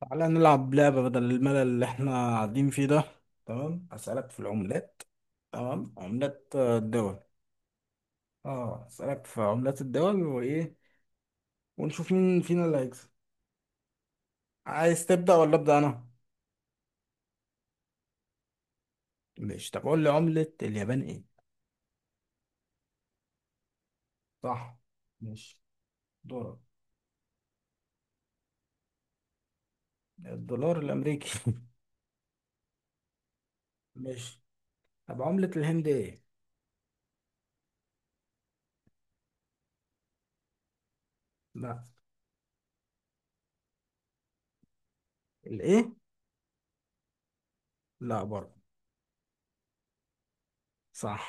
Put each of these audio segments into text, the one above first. تعالى نلعب لعبة بدل الملل اللي احنا قاعدين فيه ده. تمام، أسألك في العملات. تمام، عملات الدول. اه، أسألك في عملات الدول وإيه، ونشوف مين فينا اللي هيكسب. عايز تبدأ ولا أبدأ أنا؟ ماشي، طب قول لي عملة اليابان إيه؟ صح. ماشي. دولار. الدولار الأمريكي. ماشي، طب عملة الهند إيه؟ لا. الإيه؟ لا برضه. صح.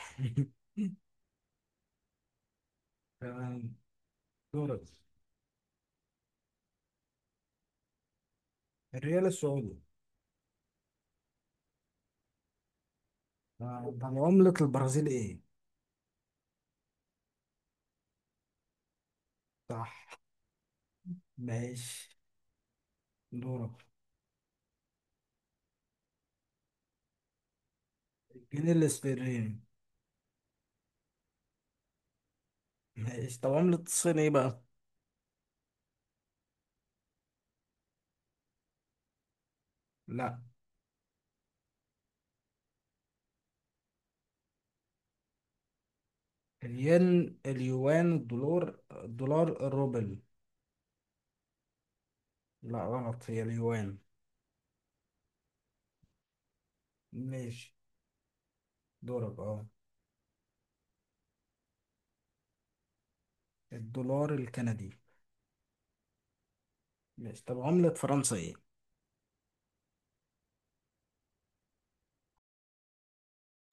تمام. دورك. الريال السعودي. طب عملة البرازيل إيه؟ صح. ماشي. دورك. الجنيه الاسبريني. ماشي، طب عملة الصين ايه بقى؟ لا. الين، اليوان، الدولار، الدولار، الروبل. لا، غلط، هي اليوان. ماشي. دورك. اه. الدولار الكندي. ماشي، طب عملة فرنسا ايه؟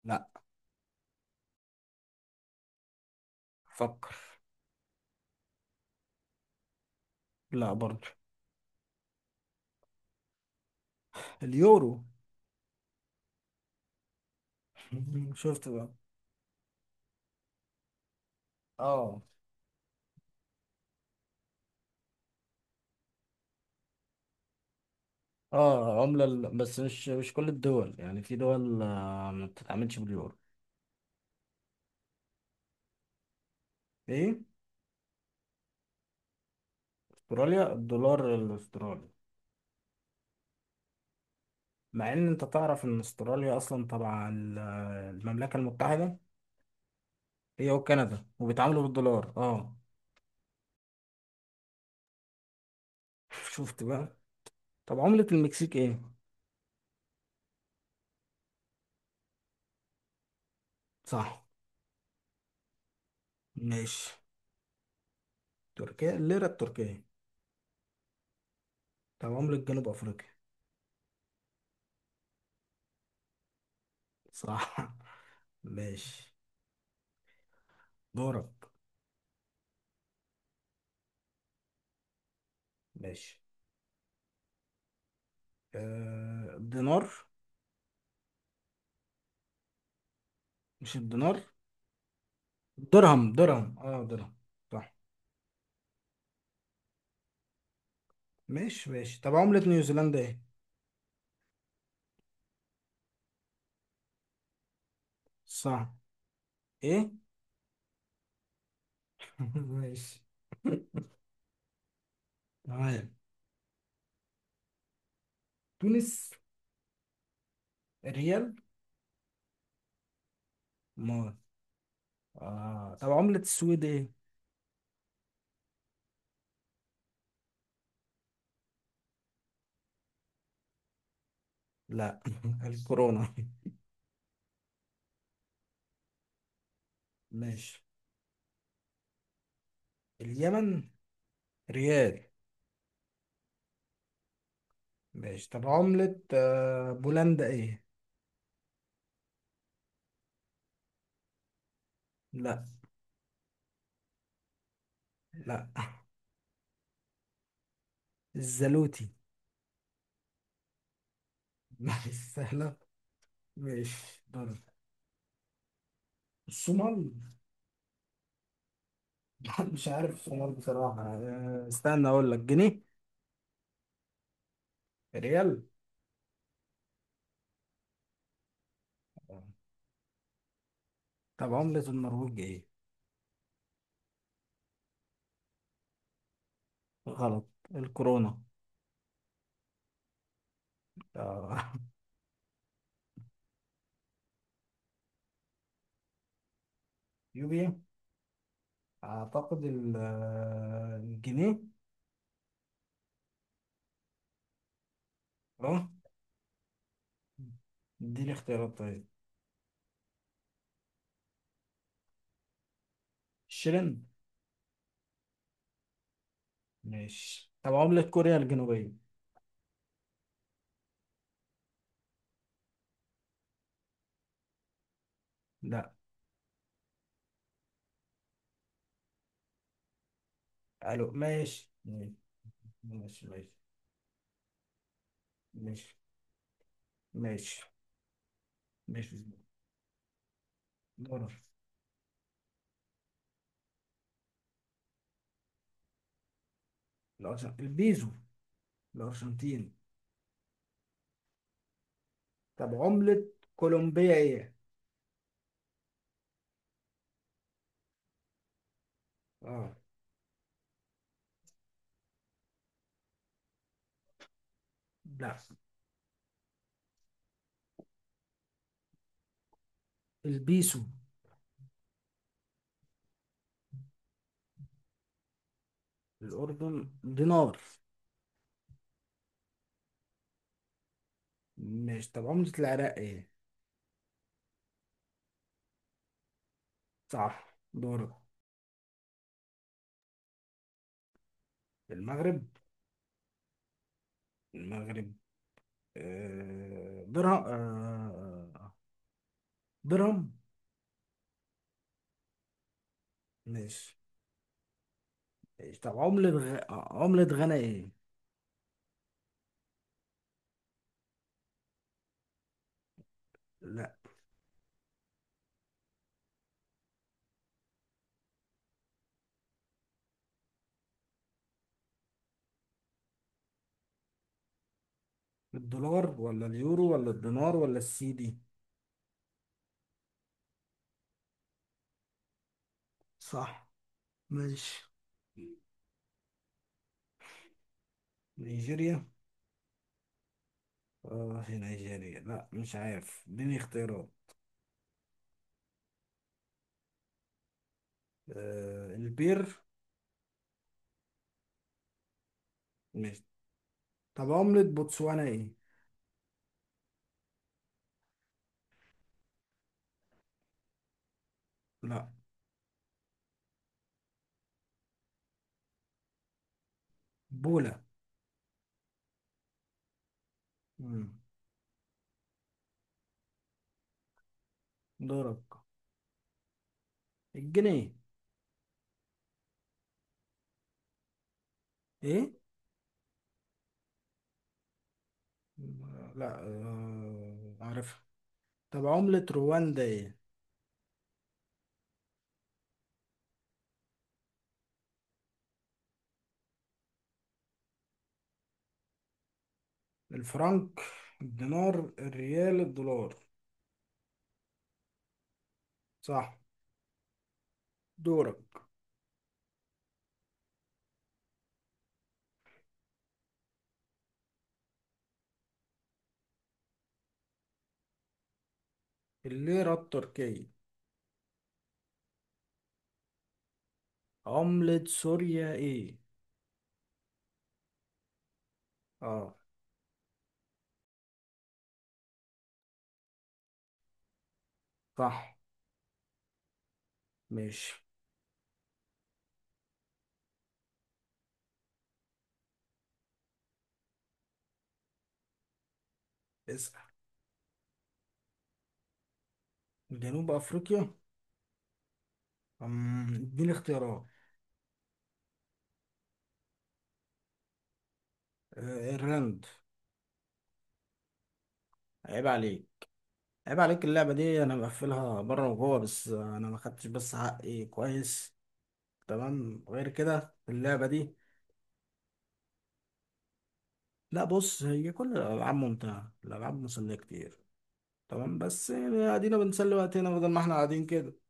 لا. فكر. لا برضه. اليورو. شفت بقى. اه. اه، عملة بس مش كل الدول، يعني في دول ما بتتعاملش باليورو. ايه؟ استراليا، الدولار الاسترالي. مع ان انت تعرف ان استراليا اصلا تبع المملكه المتحده، هي وكندا، وبيتعاملوا بالدولار اه. شفت بقى. طب عمله المكسيك ايه. صح. ماشي. تركيا، الليره التركيه. طب عمله جنوب افريقيا. صح. ماشي. دورك. ماشي. آه، الدينار. مش الدينار. درهم، درهم، اه درهم. صح. ماشي، ماشي، طب عمله نيوزيلندا ايه. صح. ايه. ماشي. تمام. تونس، ريال. آه. طب عملة السويد ايه؟ لا. الكورونا. ماشي. اليمن، ريال. ماشي، طب عملة بولندا ايه؟ لا. لا. الزلوتي. ماشي، سهلة. ماشي، دول. الصومال. لا، مش عارف الصومال بصراحة. استنى اقول لك، جنيه. ريال. طب عملة النرويج ايه؟ غلط. الكورونا. آه. يوبيا. اعتقد الجنيه. اه. اديني اختيارات طيب. شرين. ماشي، طب عملة كوريا الجنوبية. لا. الو. ماشي، ماشي، ماشي، ماشي، ماشي، ماشي. دورك. البيزو، الأرجنتين. طب عملة كولومبيا ايه؟ اه. لا. البيسو. الأردن، دينار. ماشي، طب عملة العراق ايه؟ صح. دورك. المغرب. المغرب، آه درهم، آه درهم. ماشي. طب عملة غ... عملة غانا ايه؟ لا. الدولار ولا اليورو ولا الدينار ولا السي دي. صح. ماشي. نيجيريا. اه، هي نيجيريا لا مش عارف، اديني اختيارات. آه، البير. ماشي، طب عملة بوتسوانا ايه؟ لا. بولا. مم. دورك. الجنيه. ايه؟ مم، لا آه عارفها. طب عملة رواندا ايه؟ الفرنك، الدينار، الريال، الدولار. صح. دورك. الليرة التركية. عملة سوريا ايه؟ اه. صح. ماشي. اسأل. جنوب افريقيا. اديني اختيارات. آه، الرند. عيب عليك. عيب عليك، اللعبة دي انا مقفلها بره وجوه، بس انا ما خدتش بس حقي كويس. تمام، غير كده اللعبة دي. لا، بص هي كل الالعاب ممتعة، الالعاب مسلية كتير. تمام، بس يعني ادينا بنسلي وقتنا بدل ما احنا قاعدين كده